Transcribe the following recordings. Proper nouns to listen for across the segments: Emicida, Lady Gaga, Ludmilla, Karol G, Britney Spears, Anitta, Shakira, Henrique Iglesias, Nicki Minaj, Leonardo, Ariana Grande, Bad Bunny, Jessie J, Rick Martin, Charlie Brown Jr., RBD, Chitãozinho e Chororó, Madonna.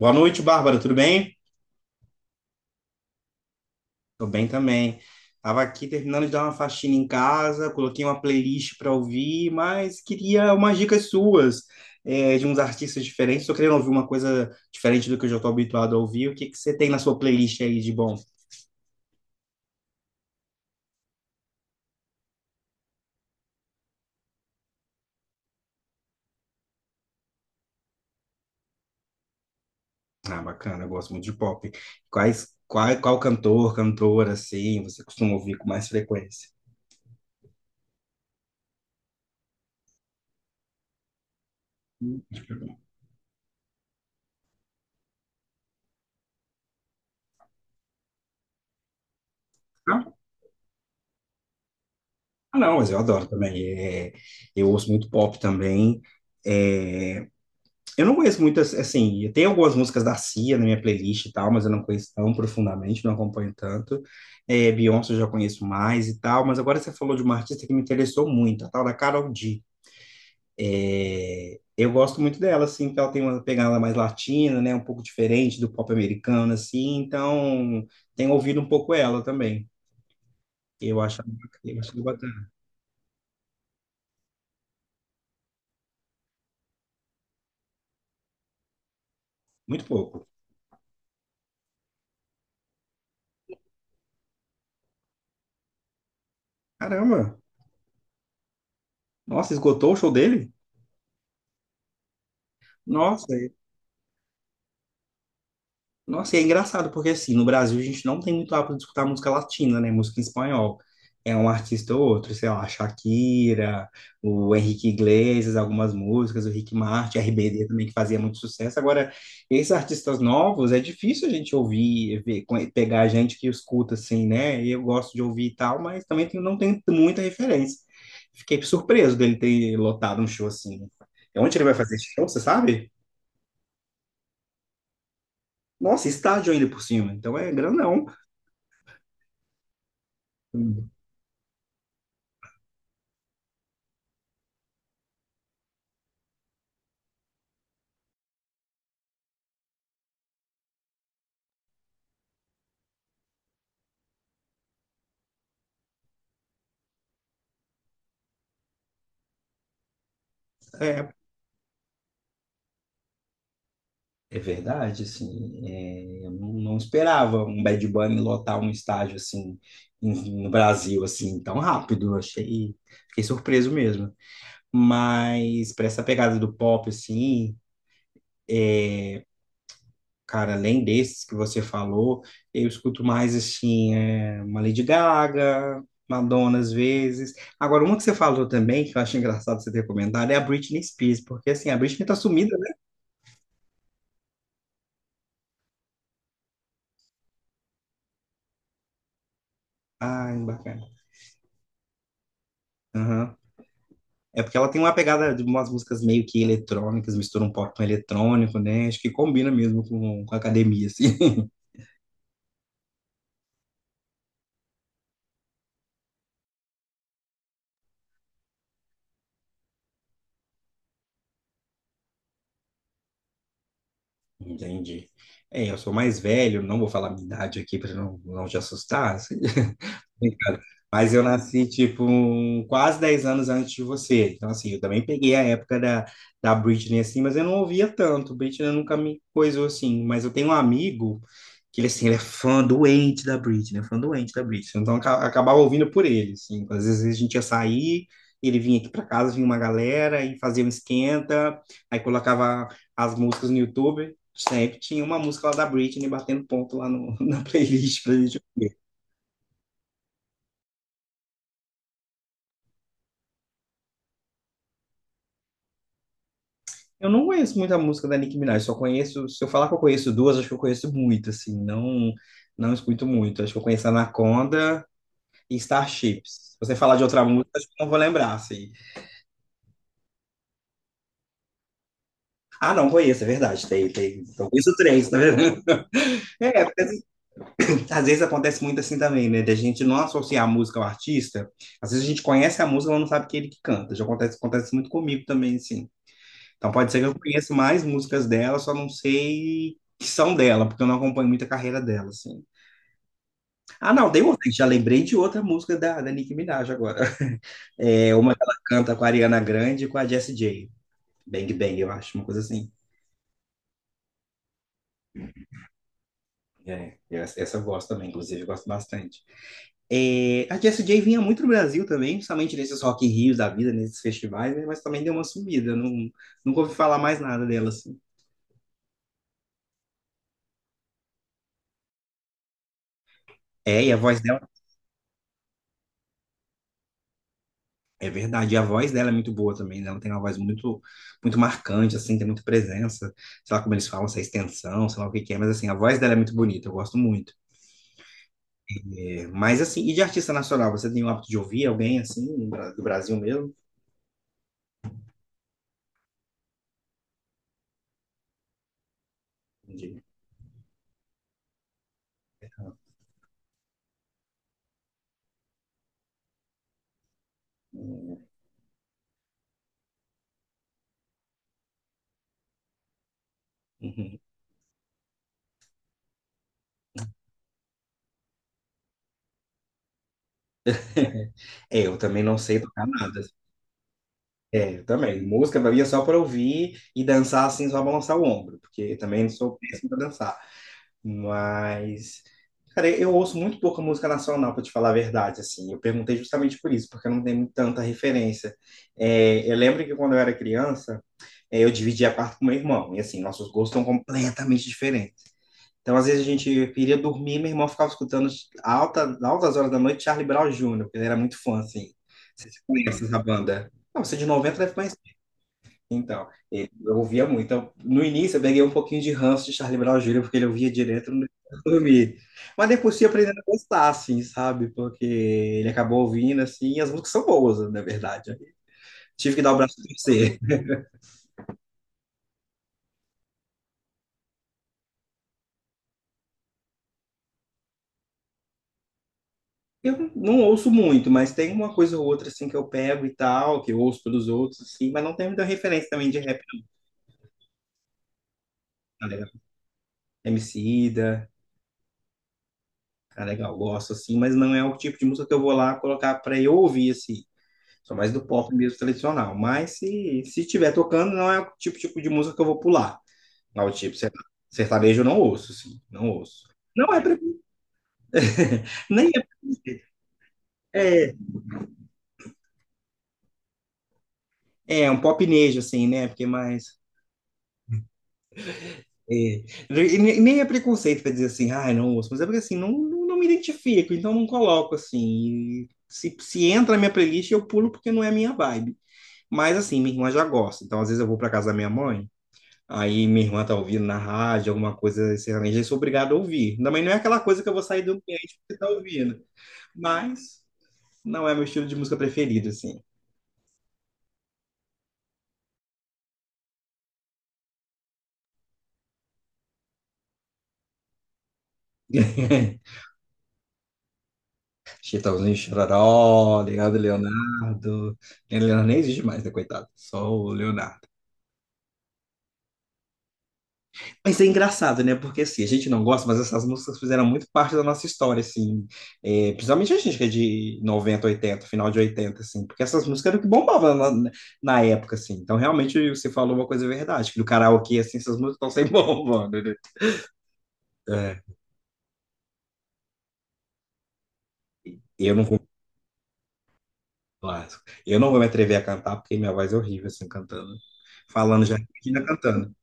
Boa noite, Bárbara, tudo bem? Tô bem também. Tava aqui terminando de dar uma faxina em casa, coloquei uma playlist para ouvir, mas queria umas dicas suas, de uns artistas diferentes. Tô querendo ouvir uma coisa diferente do que eu já tô habituado a ouvir. O que que você tem na sua playlist aí de bom? Ah, bacana, eu gosto muito de pop. Qual cantor, cantora, assim, você costuma ouvir com mais frequência? Ah, não, mas eu adoro também. Eu ouço muito pop também. É, eu não conheço muitas, assim, tem algumas músicas da Cia na minha playlist e tal, mas eu não conheço tão profundamente, não acompanho tanto. É, Beyoncé eu já conheço mais e tal, mas agora você falou de uma artista que me interessou muito, a tal da Karol G. É, eu gosto muito dela, assim, porque ela tem uma pegada mais latina, né, um pouco diferente do pop americano, assim, então tenho ouvido um pouco ela também. Eu acho, eu acho bacana. Muito pouco. Caramba! Nossa, esgotou o show dele? Nossa, Nossa, e é engraçado, porque assim, no Brasil a gente não tem muito hábito de escutar música latina, né? Música em espanhol. É um artista ou outro, sei lá, Shakira, o Henrique Iglesias, algumas músicas, o Rick Martin, RBD também, que fazia muito sucesso. Agora, esses artistas novos, é difícil a gente ouvir, ver, pegar a gente que escuta assim, né? Eu gosto de ouvir e tal, mas também não tem muita referência. Fiquei surpreso dele ter lotado um show assim. Onde ele vai fazer esse show, você sabe? Nossa, estádio ainda por cima, então é grandão. É, é verdade, assim, eu não esperava um Bad Bunny lotar um estádio assim no Brasil assim tão rápido. Eu achei, fiquei surpreso mesmo. Mas para essa pegada do pop assim, cara, além desses que você falou, eu escuto mais assim uma Lady Gaga, Madonna às vezes. Agora uma que você falou também que eu acho engraçado você ter comentado é a Britney Spears, porque assim a Britney tá sumida, né? Ai, bacana. Aham. É porque ela tem uma pegada de umas músicas meio que eletrônicas, mistura um pop com eletrônico, né? Acho que combina mesmo com a academia, assim. Entendi. É, eu sou mais velho, não vou falar minha idade aqui para não te assustar. Brincadeira. Mas eu nasci, tipo, quase 10 anos antes de você. Então, assim, eu também peguei a época da Britney, assim, mas eu não ouvia tanto. Britney nunca me coisou, assim. Mas eu tenho um amigo que, ele, assim, ele é fã doente da Britney, né? Fã doente da Britney. Então, eu acabava ouvindo por ele, assim. Então, às vezes a gente ia sair, ele vinha aqui para casa, vinha uma galera e fazia um esquenta. Aí colocava as músicas no YouTube. Sempre tinha uma música lá da Britney batendo ponto lá no, na playlist pra gente. Eu não conheço muita música da Nicki Minaj, só conheço, se eu falar que eu conheço duas, acho que eu conheço muito, assim, não escuto muito. Acho que eu conheço Anaconda e Starships. Se você falar de outra música, acho que eu não vou lembrar, assim. Ah, não, conheço, é verdade, tem, tem. Então, conheço três, tá vendo? É, porque, assim, às vezes acontece muito assim também, né, da gente não associar a música ao artista. Às vezes a gente conhece a música, mas não sabe que é ele que canta. Já acontece, acontece muito comigo também, assim. Então pode ser que eu conheça mais músicas dela, só não sei que são dela, porque eu não acompanho muito a carreira dela, assim. Ah, não, dei outra. Já lembrei de outra música da Nicki Minaj agora. É uma que ela canta com a Ariana Grande e com a Jessie J. Bang Bang, eu acho, uma coisa assim. É, essa eu gosto também, inclusive, eu gosto bastante. É, a Jessie J vinha muito no Brasil também, principalmente nesses Rock in Rios da vida, nesses festivais, né? Mas também deu uma sumida, não, nunca ouvi falar mais nada dela, assim. É, e a voz dela É verdade, e a voz dela é muito boa também, né? Ela tem uma voz muito, muito marcante, assim, tem muita presença. Sei lá como eles falam, se é extensão, sei lá o que que é, mas assim, a voz dela é muito bonita, eu gosto muito. É, mas assim, e de artista nacional, você tem o hábito de ouvir alguém assim, no do Brasil mesmo? De- Uhum. É, eu também não sei tocar nada. É, eu também. Música pra mim é só pra ouvir e dançar assim, só balançar o ombro, porque também não sou péssimo pra dançar. Mas, cara, eu ouço muito pouca música nacional, pra te falar a verdade, assim. Eu perguntei justamente por isso, porque eu não tenho tanta referência. É, eu lembro que quando eu era criança, eu dividia quarto com meu irmão, e assim, nossos gostos são completamente diferentes. Então, às vezes a gente queria dormir, meu irmão ficava escutando altas horas da noite Charlie Brown Jr., porque ele era muito fã, assim. Você conhece essa banda? Não, você é de 90, deve. Então, eu ouvia muito. Então, no início, eu peguei um pouquinho de ranço de Charlie Brown Jr., porque ele ouvia direto no dormir. Mas depois fui aprendendo a gostar, assim, sabe? Porque ele acabou ouvindo, assim, e as músicas são boas, na verdade. Tive que dar o braço a torcer. Eu não ouço muito, mas tem uma coisa ou outra, assim, que eu pego e tal, que eu ouço pelos outros, assim, mas não tem muita referência também de rap, não, tá ligado? Emicida, tá legal, gosto, assim, mas não é o tipo de música que eu vou lá colocar pra eu ouvir, assim. Sou mais do pop mesmo tradicional. Mas se estiver tocando, não é o tipo de música que eu vou pular. Não, tipo, sertanejo eu não ouço, sim. Não ouço. Não é pre... Nem é preconceito. É, é um popnejo, assim, né? Porque mais. É. E nem é preconceito para dizer assim, ai, não ouço. Mas é porque assim, não me identifico, então não coloco assim. E se entra na minha playlist, eu pulo porque não é a minha vibe. Mas assim, minha irmã já gosta. Então, às vezes eu vou para casa da minha mãe. Aí minha irmã tá ouvindo na rádio, alguma coisa sertaneja, eu sou obrigado a ouvir. Também não é aquela coisa que eu vou sair do ambiente porque tá ouvindo. Mas não é meu estilo de música preferido, assim. Chitãozinho e Chororó, Leonardo Leonardo. Leonardo nem existe mais, né, coitado? Só o Leonardo. Mas é engraçado, né? Porque assim, a gente não gosta, mas essas músicas fizeram muito parte da nossa história, assim. É, principalmente a gente que é de 90, 80, final de 80 assim. Porque essas músicas eram o que bombava na época, assim. Então, realmente, você falou uma coisa verdade, que no karaokê, assim, essas músicas estão sempre bombando, né? É, eu não vou, eu não vou me atrever a cantar, porque minha voz é horrível, assim, cantando. Falando já, Regina cantando.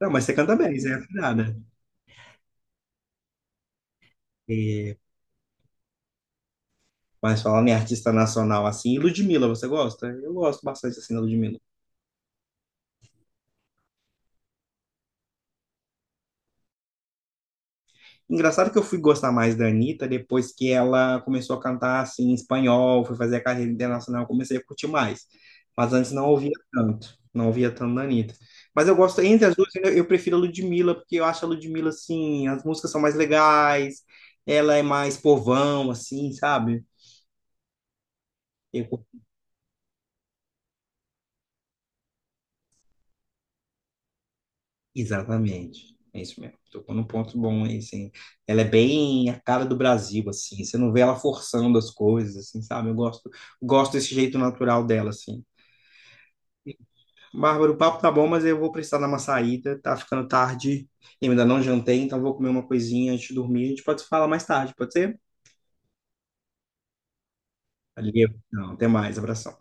Não, mas você canta bem, você é afinada. É, mas falando em artista nacional, assim, e Ludmilla, você gosta? Eu gosto bastante, assim, da Ludmilla. Engraçado que eu fui gostar mais da Anitta depois que ela começou a cantar assim em espanhol, foi fazer a carreira internacional, eu comecei a curtir mais. Mas antes não ouvia tanto, não ouvia tanto da Anitta. Mas eu gosto, entre as duas, eu prefiro a Ludmilla, porque eu acho a Ludmilla assim, as músicas são mais legais, ela é mais povão, assim, sabe? Eu curto- Exatamente, é isso mesmo. Tocou num ponto bom aí, assim. Ela é bem a cara do Brasil, assim, você não vê ela forçando as coisas, assim, sabe? Eu gosto desse jeito natural dela, assim. Bárbara, o papo tá bom, mas eu vou precisar dar uma saída. Tá ficando tarde, eu ainda não jantei, então vou comer uma coisinha antes de dormir. A gente pode se falar mais tarde, pode ser? Valeu. Não, até mais, abração.